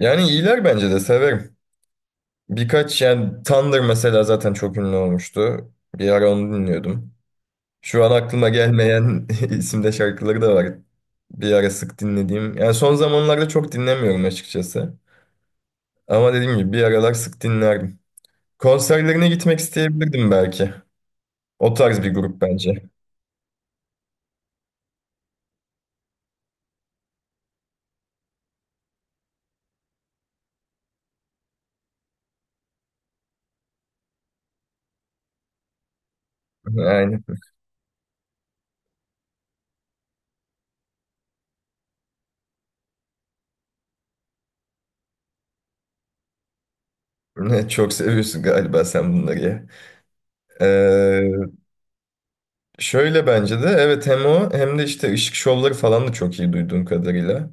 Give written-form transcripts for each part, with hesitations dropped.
Yani iyiler bence de severim. Birkaç yani Thunder mesela zaten çok ünlü olmuştu. Bir ara onu dinliyordum. Şu an aklıma gelmeyen isimde şarkıları da var. Bir ara sık dinlediğim. Yani son zamanlarda çok dinlemiyorum açıkçası. Ama dediğim gibi bir aralar sık dinlerdim. Konserlerine gitmek isteyebilirdim belki. O tarz bir grup bence. Yani çok seviyorsun galiba sen bunları ya. Ee, Şöyle bence de evet, hem o hem de işte ışık şovları falan da çok iyi duyduğum kadarıyla.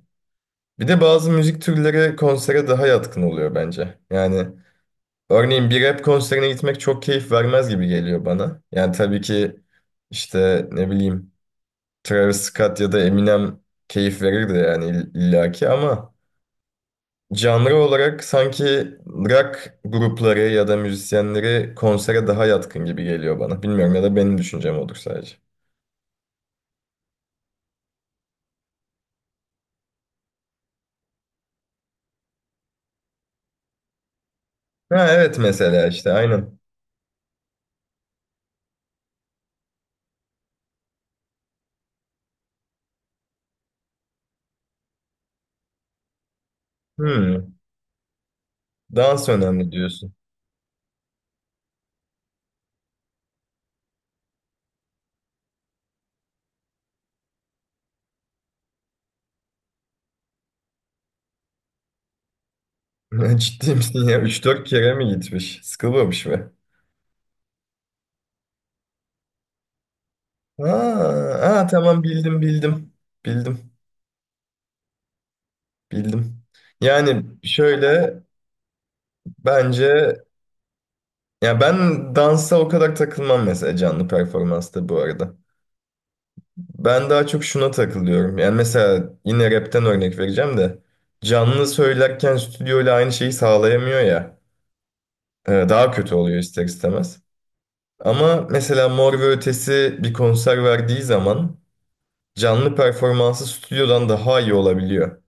Bir de bazı müzik türleri konsere daha yatkın oluyor bence. Yani örneğin bir rap konserine gitmek çok keyif vermez gibi geliyor bana. Yani tabii ki işte ne bileyim Travis Scott ya da Eminem keyif verirdi yani illaki ama canlı olarak sanki rock grupları ya da müzisyenleri konsere daha yatkın gibi geliyor bana. Bilmiyorum ya da benim düşüncem olur sadece. Ha evet, mesela işte aynen. Hmm, dans önemli diyorsun. Ya ciddi misin ya? Üç dört kere mi gitmiş? Sıkılmamış mı? Aa, aa, tamam, bildim bildim. Bildim. Bildim. Yani şöyle bence, ya ben dansa o kadar takılmam mesela canlı performansta bu arada. Ben daha çok şuna takılıyorum. Yani mesela yine rapten örnek vereceğim de canlı söylerken stüdyoyla aynı şeyi sağlayamıyor ya. Daha kötü oluyor ister istemez. Ama mesela Mor ve Ötesi bir konser verdiği zaman canlı performansı stüdyodan daha iyi olabiliyor.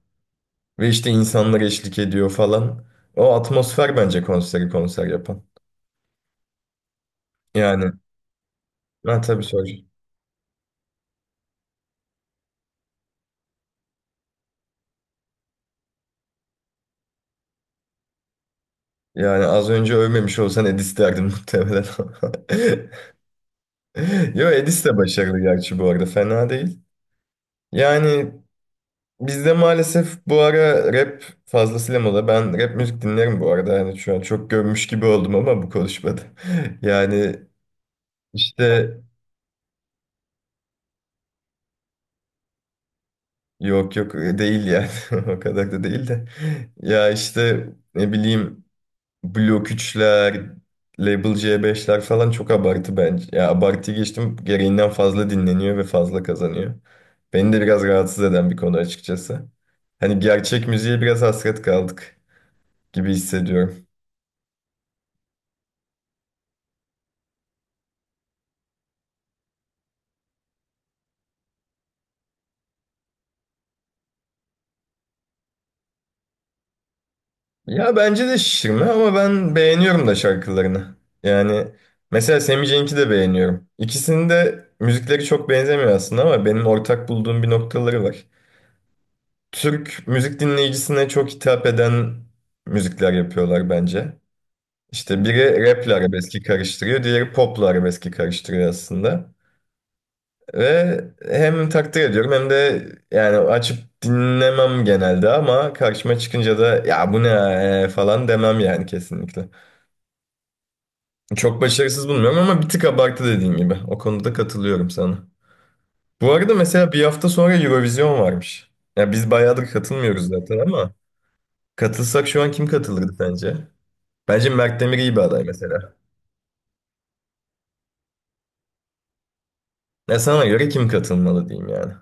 Ve işte insanlar eşlik ediyor falan. O atmosfer bence konseri konser yapan. Yani ben tabii soracağım. Yani az önce övmemiş olsan Edis derdim muhtemelen. Yo, Edis de başarılı gerçi bu arada, fena değil. Yani bizde maalesef bu ara rap fazlasıyla moda. Ben rap müzik dinlerim bu arada. Yani şu an çok gömmüş gibi oldum ama bu konuşmada. Yani işte yok yok, değil yani o kadar da değil de. Ya işte ne bileyim Blok 3'ler, Label C5'ler falan çok abartı bence. Ya abartı geçtim, gereğinden fazla dinleniyor ve fazla kazanıyor. Beni de biraz rahatsız eden bir konu açıkçası. Hani gerçek müziğe biraz hasret kaldık gibi hissediyorum. Ya bence de şişirme ama ben beğeniyorum da şarkılarını. Yani mesela Sammy Cenk'i de beğeniyorum. İkisinin de müzikleri çok benzemiyor aslında ama benim ortak bulduğum bir noktaları var. Türk müzik dinleyicisine çok hitap eden müzikler yapıyorlar bence. İşte biri rap ile arabeski karıştırıyor, diğeri pop ile arabeski karıştırıyor aslında. Ve hem takdir ediyorum hem de yani açıp dinlemem genelde ama karşıma çıkınca da "ya bu ne ya?" falan demem yani, kesinlikle. Çok başarısız bulmuyorum ama bir tık abartı, dediğin gibi. O konuda katılıyorum sana. Bu arada mesela bir hafta sonra Eurovision varmış. Ya biz bayağıdır katılmıyoruz zaten ama katılsak şu an kim katılırdı sence? Bence Mert Demir iyi bir aday mesela. Ya sana göre kim katılmalı diyeyim yani.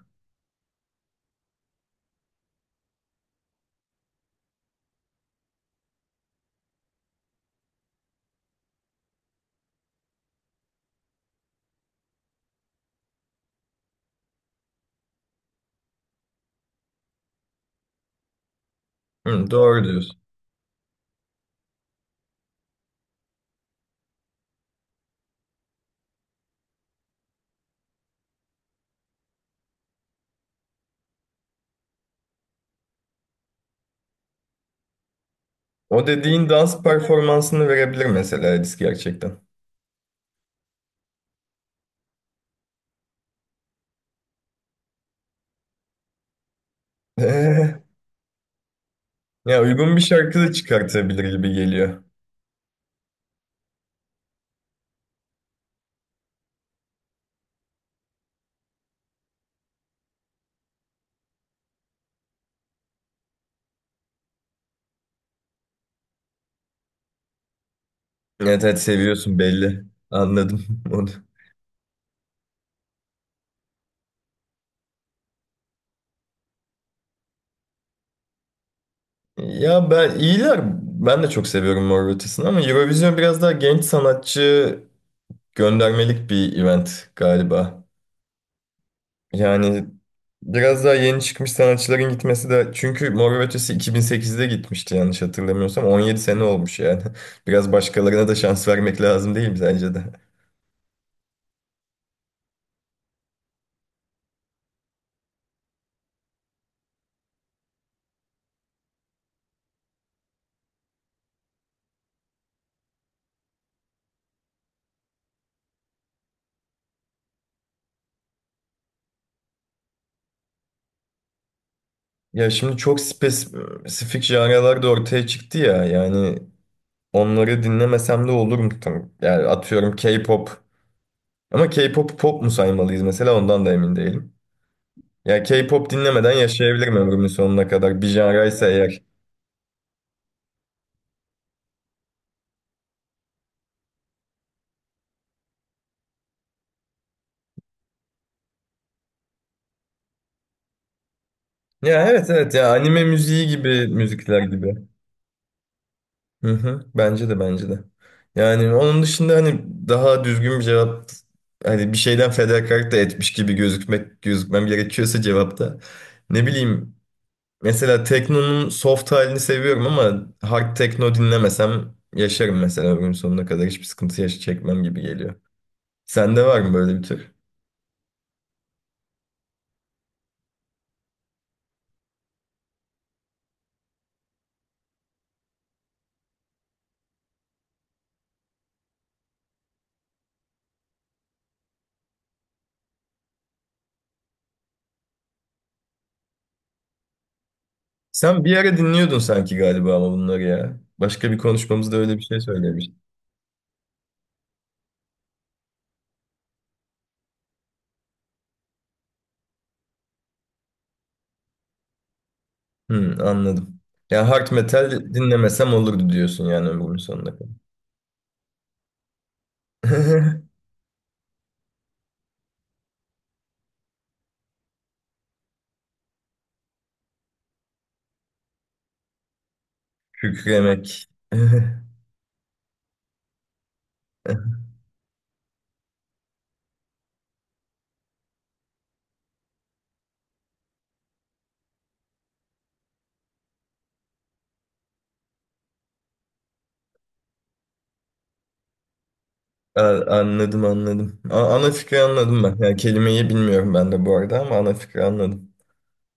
Hı, doğru diyorsun. O dediğin dans performansını verebilir mesela Edis gerçekten. ya uygun bir şarkı da çıkartabilir gibi geliyor. Evet evet, seviyorsun belli. Anladım onu. Ya, ben iyiler. Ben de çok seviyorum Mor ve Ötesi'ni ama Eurovision biraz daha genç sanatçı göndermelik bir event galiba. Yani biraz daha yeni çıkmış sanatçıların gitmesi de, çünkü Mor ve Ötesi 2008'de gitmişti yanlış hatırlamıyorsam. 17 sene olmuş yani. Biraz başkalarına da şans vermek lazım değil mi sence de? Ya şimdi çok spesifik janralar da ortaya çıktı ya, yani onları dinlemesem de olur mu? Yani atıyorum K-pop. Ama k pop pop mu saymalıyız mesela, ondan da emin değilim. Ya K-pop dinlemeden yaşayabilirim ömrümün sonuna kadar. Bir janraysa eğer. Ya evet evet, ya anime müziği gibi, müzikler gibi. Hı hı. Bence de, bence de. Yani onun dışında, hani daha düzgün bir cevap, hani bir şeyden fedakarlık da etmiş gibi gözükmem gerekiyorsa cevapta. Ne bileyim, mesela teknonun soft halini seviyorum ama hard tekno dinlemesem yaşarım mesela ömrümün sonuna kadar, hiçbir sıkıntı çekmem gibi geliyor. Sende var mı böyle bir tür? Sen bir ara dinliyordun sanki galiba ama bunları ya. Başka bir konuşmamızda öyle bir şey söylemiştin. Hmm, anladım. Ya hard metal dinlemesem olurdu diyorsun yani, ömrümün sonuna kadar. Kükremek. Anladım anladım. Ana fikri anladım ben. Yani kelimeyi bilmiyorum ben de bu arada ama ana fikri anladım.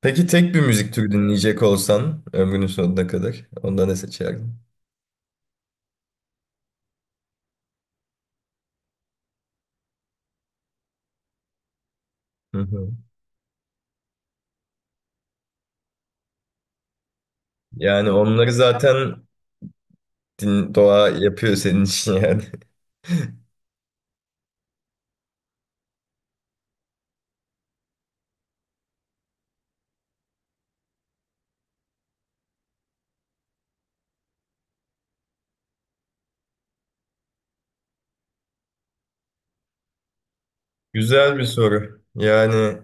Peki tek bir müzik türü dinleyecek olsan ömrünün sonuna kadar, onda ne seçerdin? Hı hı. Yani onları zaten doğa yapıyor senin için yani. Güzel bir soru. Yani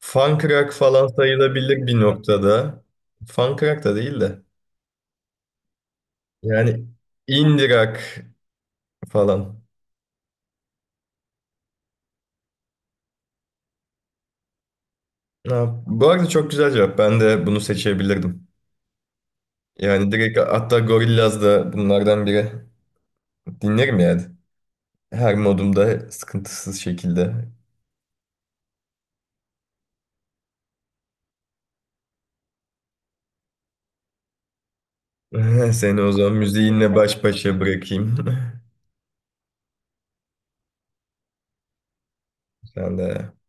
fan Funkrock falan sayılabilir bir noktada. Fan Funkrock da değil de. Yani indirak falan. Ha, bu arada çok güzel cevap. Ben de bunu seçebilirdim. Yani direkt, hatta Gorillaz da bunlardan biri. Dinlerim yani. Her modumda sıkıntısız şekilde. Seni o zaman müziğinle baş başa bırakayım. Sen de.